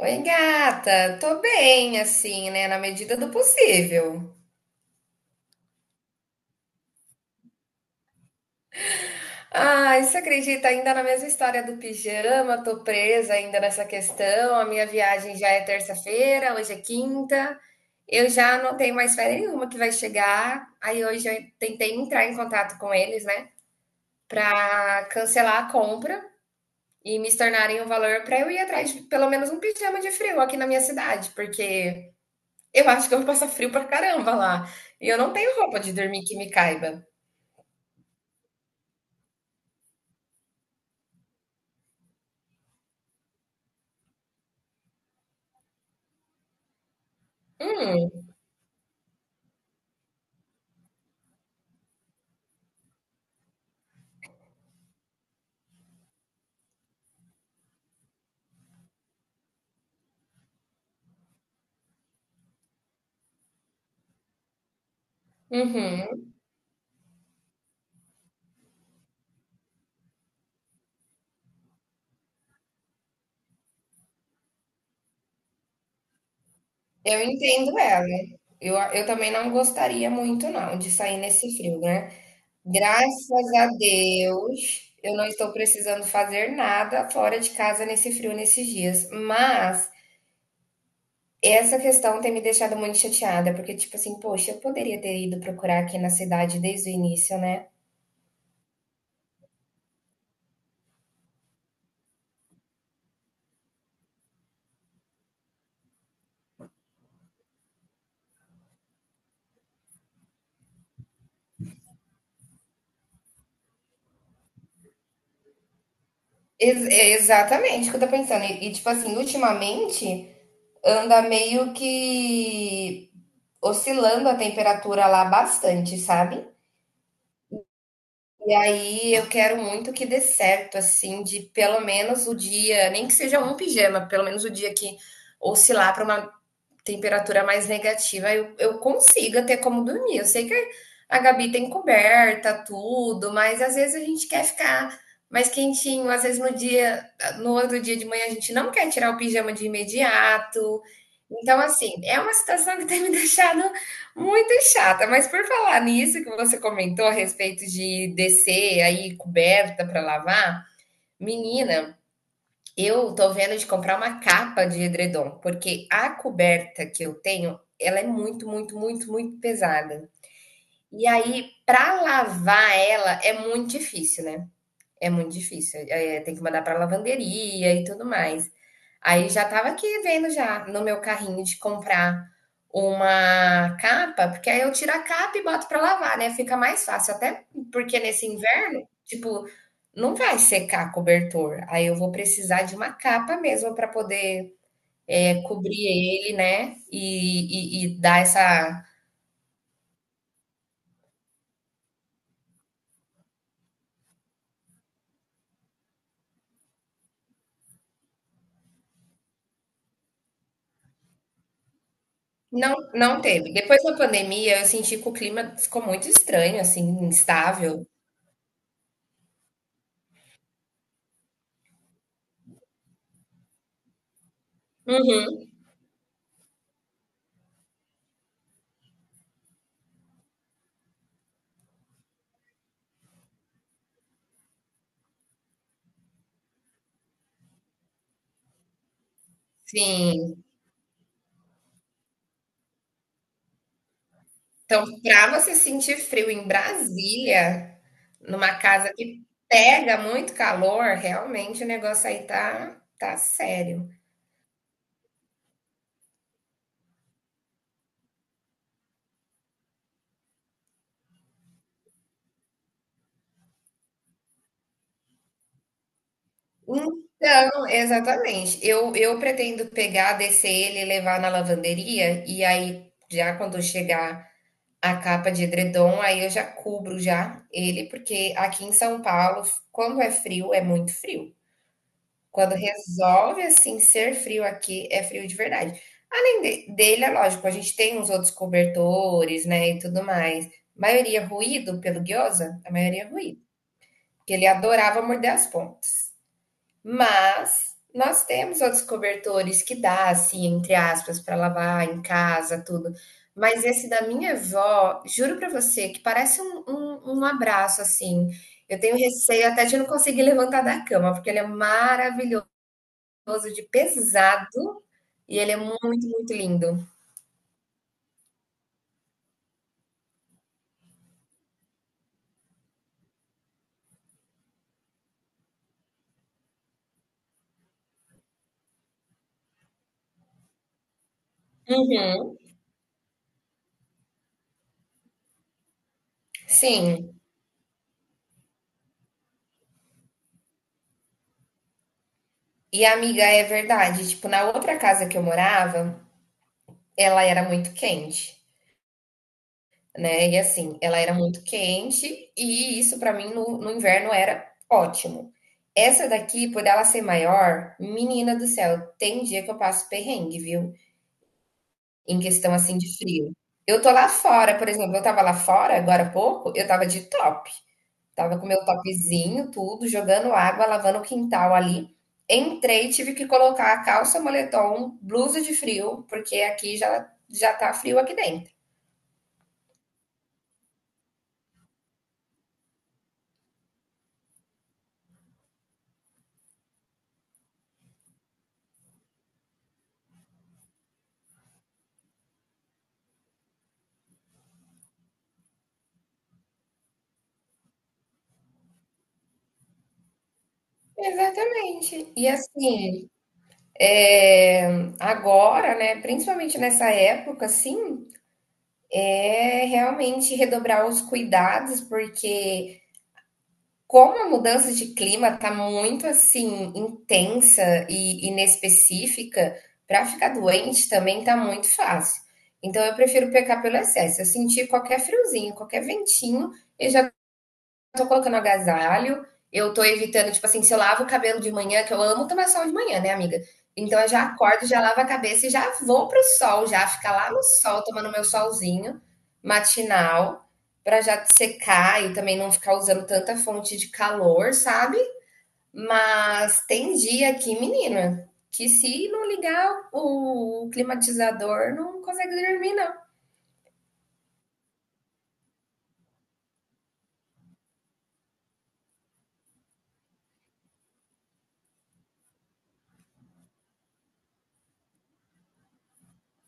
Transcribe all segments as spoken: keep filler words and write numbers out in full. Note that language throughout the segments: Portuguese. Oi, gata. Tô bem, assim, né? Na medida do possível. Ai, você acredita? Ainda na mesma história do pijama, tô presa ainda nessa questão. A minha viagem já é terça-feira, hoje é quinta. Eu já não tenho mais férias nenhuma que vai chegar. Aí hoje eu tentei entrar em contato com eles, né? Pra cancelar a compra e me tornarem um valor pra eu ir atrás de pelo menos um pijama de frio aqui na minha cidade, porque. Eu acho que eu vou passar frio pra caramba lá. E eu não tenho roupa de dormir que me caiba. Hum, uhum. Eu entendo ela. Eu, eu também não gostaria muito, não, de sair nesse frio, né? Graças a Deus, eu não estou precisando fazer nada fora de casa nesse frio, nesses dias. Mas essa questão tem me deixado muito chateada, porque, tipo assim, poxa, eu poderia ter ido procurar aqui na cidade desde o início, né? Ex- é exatamente o que eu tô pensando. E, e, tipo assim, ultimamente, anda meio que oscilando a temperatura lá bastante, sabe? E aí eu quero muito que dê certo, assim, de pelo menos o dia, nem que seja um pijama, pelo menos o dia que oscilar para uma temperatura mais negativa, eu, eu consiga ter como dormir. Eu sei que a Gabi tem coberta, tudo, mas às vezes a gente quer ficar mais quentinho, às vezes no dia, no outro dia de manhã a gente não quer tirar o pijama de imediato. Então, assim, é uma situação que tem me deixado muito chata. Mas por falar nisso que você comentou a respeito de descer aí coberta para lavar, menina, eu tô vendo de comprar uma capa de edredom, porque a coberta que eu tenho, ela é muito, muito, muito, muito pesada. E aí, para lavar ela é muito difícil, né? É muito difícil, eh, tem que mandar para lavanderia e tudo mais. Aí já estava aqui vendo já no meu carrinho de comprar uma capa, porque aí eu tiro a capa e boto para lavar, né, fica mais fácil, até porque nesse inverno, tipo, não vai secar cobertor, aí eu vou precisar de uma capa mesmo para poder, eh, cobrir ele, né, e e e dar essa não não teve. Depois da pandemia eu senti que o clima ficou muito estranho, assim, instável. Uhum. Sim. Então, para você sentir frio em Brasília, numa casa que pega muito calor, realmente o negócio aí tá tá sério. Então exatamente. Eu eu pretendo pegar, descer ele e levar na lavanderia, e aí, já quando chegar a capa de edredom, aí eu já cubro já ele, porque aqui em São Paulo, quando é frio, é muito frio. Quando resolve, assim, ser frio aqui, é frio de verdade. Além de- dele, é lógico, a gente tem uns outros cobertores, né, e tudo mais. Maioria ruído pelo Gyoza, a maioria é ruído, porque ele adorava morder as pontas. Mas nós temos outros cobertores que dá, assim, entre aspas, para lavar em casa, tudo. Mas esse da minha avó, juro para você, que parece um, um, um abraço, assim. Eu tenho receio até de não conseguir levantar da cama, porque ele é maravilhoso famoso de pesado e ele é muito, muito lindo. Uhum. Sim. E amiga, é verdade. Tipo, na outra casa que eu morava, ela era muito quente, né? E assim, ela era muito quente e isso pra mim no, no inverno era ótimo. Essa daqui, por ela ser maior, menina do céu, tem dia que eu passo perrengue, viu? Em questão assim de frio. Eu tô lá fora, por exemplo, eu tava lá fora agora há pouco, eu tava de top. Tava com meu topzinho, tudo, jogando água, lavando o quintal ali. Entrei, tive que colocar a calça, moletom, blusa de frio, porque aqui já já tá frio aqui dentro. Exatamente. E assim, é, agora, né, principalmente nessa época, assim, é realmente redobrar os cuidados, porque como a mudança de clima está muito assim intensa e inespecífica, para ficar doente também tá muito fácil. Então eu prefiro pecar pelo excesso. Eu senti qualquer friozinho, qualquer ventinho, eu já tô colocando agasalho, eu tô evitando, tipo assim, se eu lavo o cabelo de manhã, que eu amo tomar sol de manhã, né, amiga? Então eu já acordo, já lavo a cabeça e já vou pro sol, já ficar lá no sol, tomando meu solzinho matinal, pra já secar e também não ficar usando tanta fonte de calor, sabe? Mas tem dia aqui, menina, que se não ligar o climatizador, não consegue dormir, não.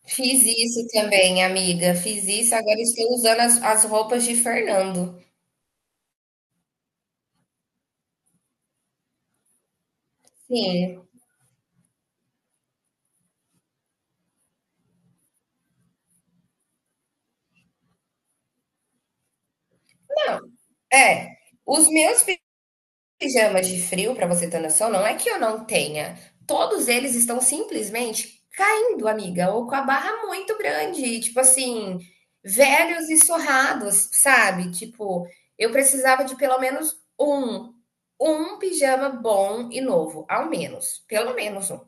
Fiz isso também, amiga. Fiz isso. Agora estou usando as, as roupas de Fernando. Sim. Não, é. Os meus pijamas de frio, para você ter noção, não é que eu não tenha. Todos eles estão simplesmente caindo, amiga, ou com a barra muito grande, tipo assim, velhos e surrados, sabe? Tipo, eu precisava de pelo menos um, um pijama bom e novo, ao menos, pelo menos um.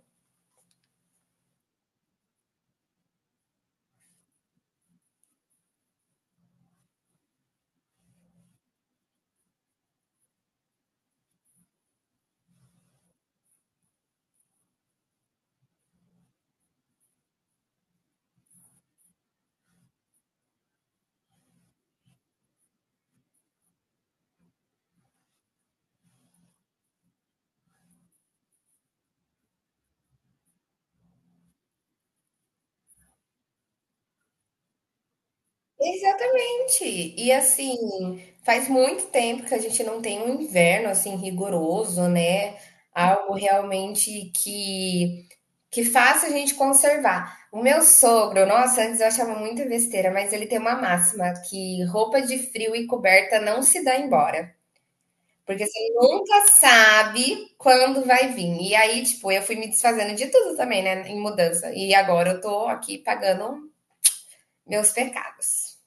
Exatamente. E assim, faz muito tempo que a gente não tem um inverno assim rigoroso, né? Algo realmente que que faça a gente conservar. O meu sogro, nossa, antes eu achava muita besteira, mas ele tem uma máxima que roupa de frio e coberta não se dá embora, porque você nunca sabe quando vai vir. E aí, tipo, eu fui me desfazendo de tudo também, né, em mudança. E agora eu tô aqui pagando meus pecados.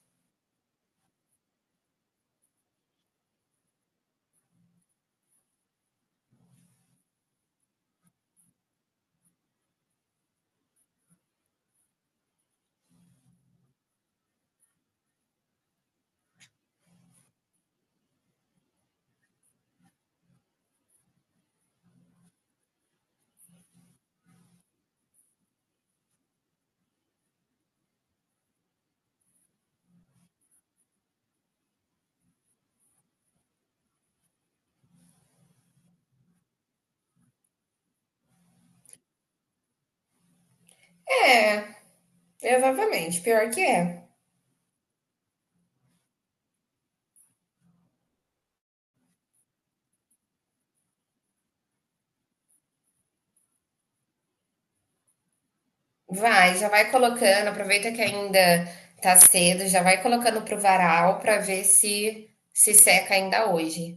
É, exatamente, pior que é. Vai, já vai colocando, aproveita que ainda tá cedo, já vai colocando pro varal pra ver se se seca ainda hoje.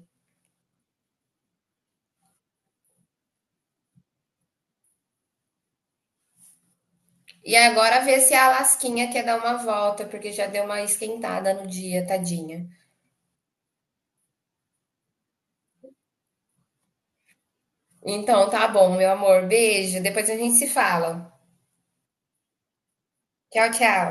E agora ver se a Lasquinha quer dar uma volta, porque já deu uma esquentada no dia, tadinha. Então tá bom, meu amor, beijo, depois a gente se fala. Tchau, tchau.